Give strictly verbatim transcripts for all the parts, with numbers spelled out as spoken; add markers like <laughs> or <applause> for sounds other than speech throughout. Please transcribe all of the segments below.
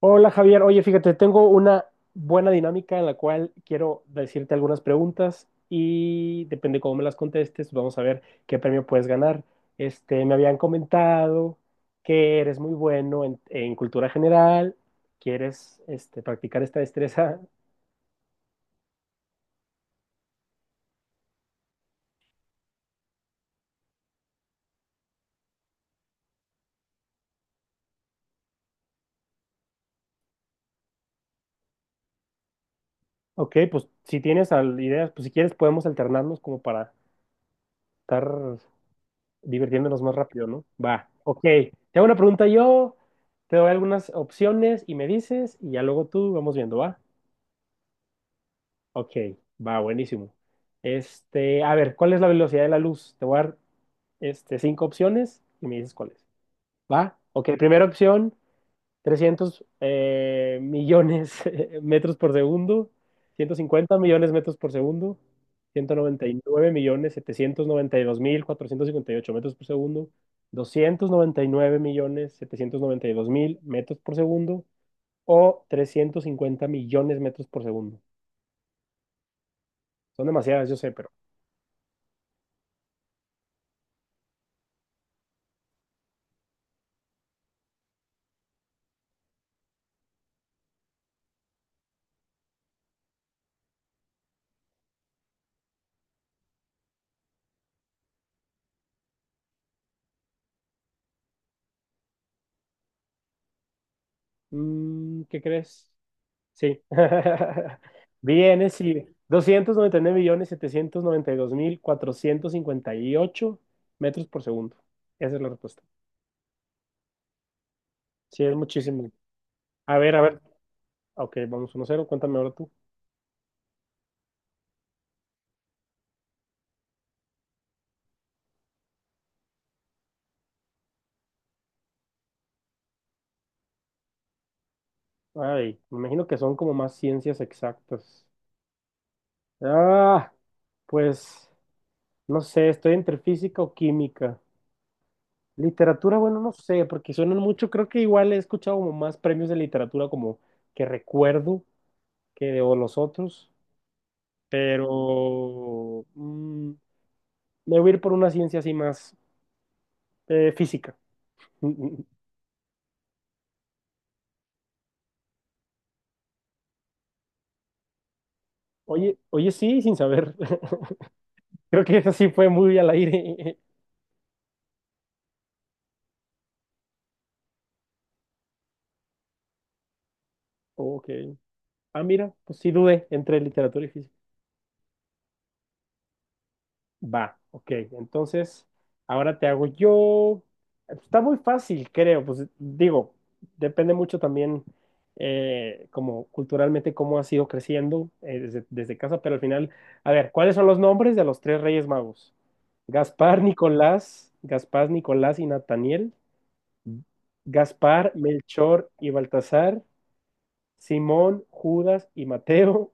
Hola Javier, oye, fíjate, tengo una buena dinámica en la cual quiero decirte algunas preguntas y depende cómo me las contestes, vamos a ver qué premio puedes ganar. Este, me habían comentado que eres muy bueno en, en cultura general, quieres este, practicar esta destreza. Ok, pues si tienes al- ideas, pues si quieres podemos alternarnos como para estar divirtiéndonos más rápido, ¿no? Va, ok. Te hago una pregunta yo, te doy algunas opciones y me dices, y ya luego tú vamos viendo, ¿va? Ok, va, buenísimo. Este, a ver, ¿cuál es la velocidad de la luz? Te voy a dar este, cinco opciones y me dices cuál es. ¿Va? Ok, primera opción, trescientos eh, millones <laughs> metros por segundo, ciento cincuenta millones metros por segundo, ciento noventa y nueve millones setecientos noventa y dos mil cuatrocientos cincuenta y ocho metros por segundo, doscientos noventa y nueve millones setecientos noventa y dos mil metros por segundo o trescientos cincuenta millones metros por segundo. Son demasiadas, yo sé, pero mm, ¿qué crees? Sí. <laughs> Vienes y doscientos noventa y nueve millones setecientos noventa y dos mil cuatrocientos cincuenta y ocho metros por segundo. Esa es la respuesta. Sí, es muchísimo. A ver, a ver. Ok, vamos uno cero. Cuéntame ahora tú. Ay, me imagino que son como más ciencias exactas. Ah, pues no sé, estoy entre física o química. Literatura, bueno, no sé, porque suenan mucho. Creo que igual he escuchado como más premios de literatura como que recuerdo que de o los otros. pero mm, me voy a ir por una ciencia así más eh, física. <laughs> Oye, oye, sí, sin saber. <laughs> Creo que eso sí fue muy al aire. <laughs> Ok. Ah, mira, pues sí dudé entre literatura y física. Va, ok. Entonces, ahora te hago yo. Está muy fácil, creo. Pues digo, depende mucho también, eh, como culturalmente, cómo has ido creciendo eh, desde, desde casa, pero al final, a ver, ¿cuáles son los nombres de los tres reyes magos? Gaspar, Nicolás, Gaspar, Nicolás y Nataniel, Gaspar, Melchor y Baltasar, Simón, Judas y Mateo,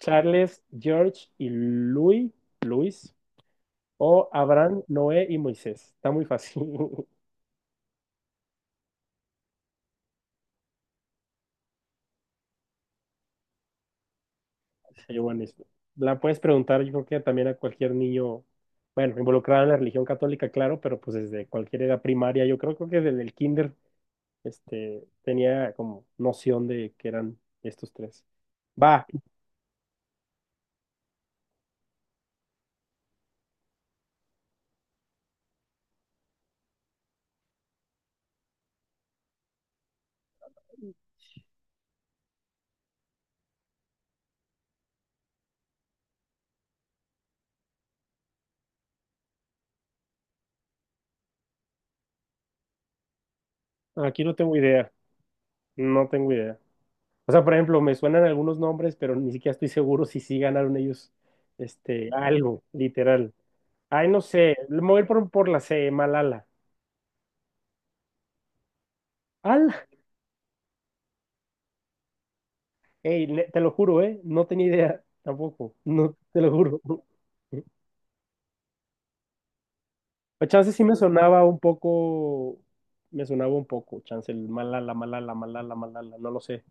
Charles, George y Luis, Luis, o Abraham, Noé y Moisés. Está muy fácil. <laughs> Yo, bueno, es- la puedes preguntar, yo creo que también a cualquier niño, bueno, involucrado en la religión católica, claro, pero pues desde cualquier edad primaria, yo creo, creo que desde el kinder, este, tenía como noción de que eran estos tres. Va. Aquí no tengo idea, no tengo idea. O sea, por ejemplo, me suenan algunos nombres, pero ni siquiera estoy seguro si sí ganaron ellos este, algo, literal. Ay, no sé, me voy a ir por, por la C, Malala. ¡Al! Ey, ne- te lo juro, ¿eh? No tenía idea tampoco, no, te lo juro. <laughs> A chance sí me sonaba un poco, me sonaba un poco, chance el Malala, Malala, Malala, Malala, no lo sé,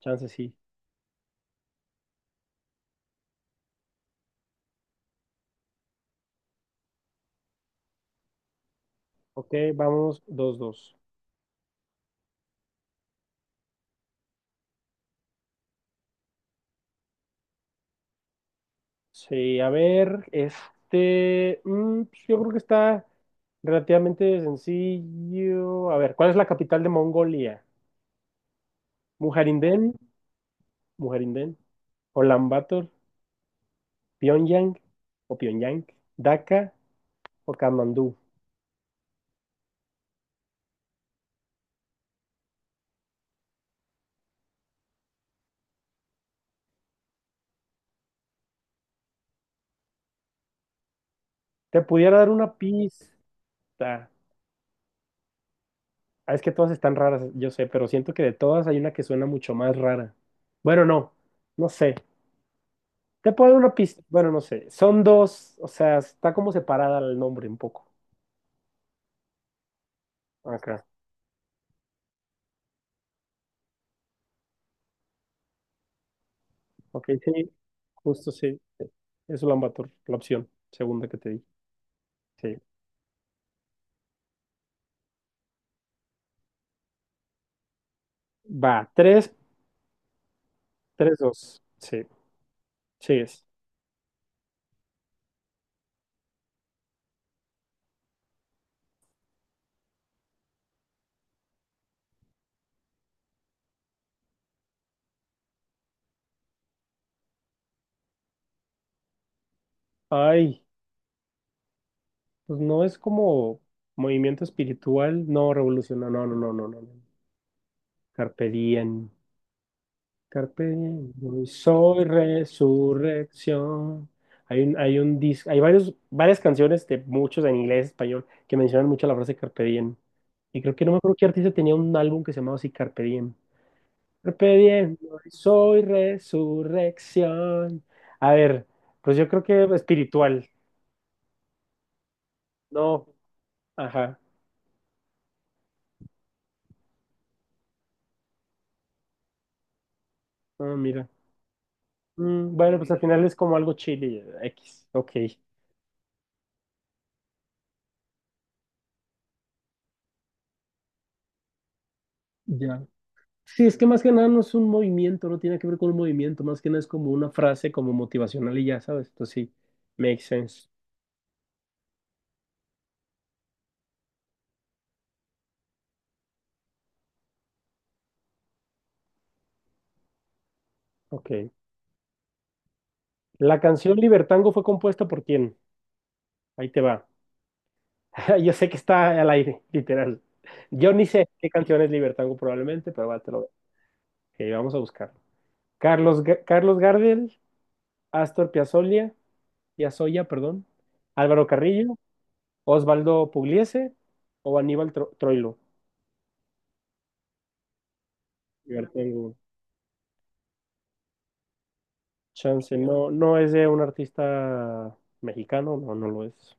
chance sí. Ok, vamos, dos dos. Sí, a ver, este, mm, pues, yo creo que está relativamente sencillo. A ver, ¿cuál es la capital de Mongolia? Mujerinden, Mujerinden, Ulaanbaatar, Pyongyang o Pyongyang, Dhaka o Katmandú. Te pudiera dar una pista. Ah, es que todas están raras, yo sé, pero siento que de todas hay una que suena mucho más rara. Bueno, no, no sé. Te puedo dar una pista. Bueno, no sé. Son dos, o sea, está como separada el nombre un poco. Ok. Ok, sí, justo sí. sí. Es Ulaanbaatar, la opción segunda que te di. Sí. Va, tres tres dos Sí, sí es. Ay, pues no es como movimiento espiritual, no, revolucionario, no, no, no, no, no. no. Carpe diem, carpe diem, hoy soy resurrección. Hay un, hay un disco, hay varios, varias canciones de muchos en inglés, español, que mencionan mucho la frase carpe diem. Y creo que no me acuerdo qué artista tenía un álbum que se llamaba así Carpe Diem. Carpe diem, hoy soy resurrección. A ver, pues yo creo que espiritual. No, ajá. Ah, mira. Mm, bueno, pues al final es como algo chile. X, ok. Ya. Sí, es que más que nada no es un movimiento, no tiene que ver con un movimiento, más que nada es como una frase como motivacional y ya sabes, entonces sí, makes sense. Ok. ¿La canción Libertango fue compuesta por quién? Ahí te va. <laughs> Yo sé que está al aire, literal. Yo ni sé qué canción es Libertango probablemente, pero va, ok, vamos a buscarlo. Carlos, Ga- Carlos Gardel, Astor Piazzolla, Piazzolla, perdón, Álvaro Carrillo, Osvaldo Pugliese o Aníbal Tro- Troilo. Yo ahora tengo chance. No, no es de un artista mexicano, no, no lo es.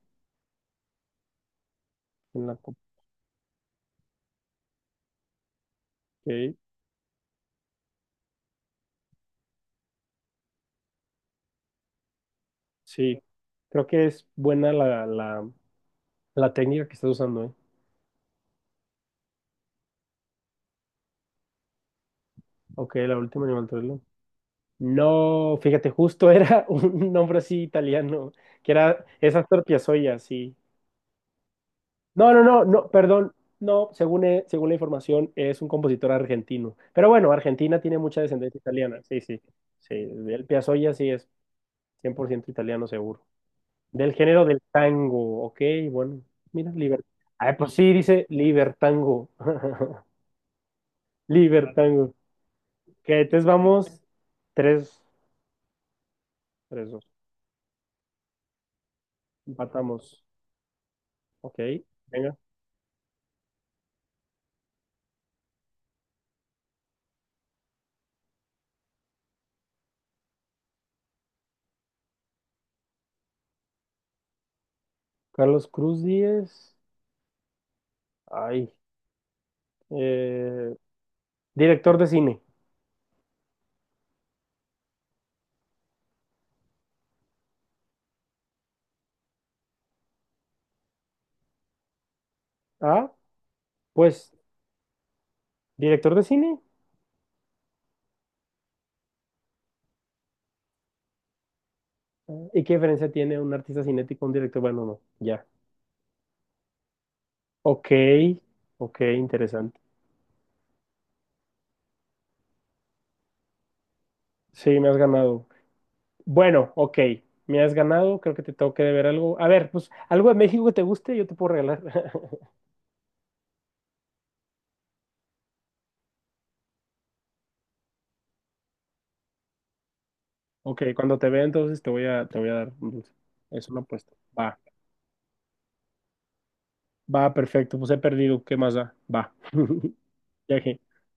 En la- ok, sí, creo que es buena la, la, la técnica que estás usando, ¿eh? Ok, la última Aníbal Troilo. No, fíjate, justo era <laughs> un nombre así italiano, que era, es Astor Piazzolla, sí. No, no, no, no, perdón, no, según, eh, según la información es un compositor argentino. Pero bueno, Argentina tiene mucha descendencia italiana, sí, sí, sí, el Piazzolla sí es cien por ciento italiano seguro. Del género del tango, ok, bueno, mira, liber... Ah, pues sí, dice libertango, <laughs> libertango. Ok, entonces vamos, tres, tres, dos, empatamos, ok, venga. Carlos Cruz Díez, ay, eh, director de cine, ah, pues... ¿Director de cine? ¿Y qué diferencia tiene un artista cinético con un director? Bueno, no, ya. Ok, ok, interesante. Sí, me has ganado. Bueno, ok, me has ganado. Creo que te tengo que deber algo. A ver, pues algo de México que te guste, yo te puedo regalar. <laughs> Ok, cuando te vea, entonces te voy a, te voy a dar un dulce. Es una apuesta. Va, va, perfecto. Pues he perdido. ¿Qué más da? Va. <laughs> Ya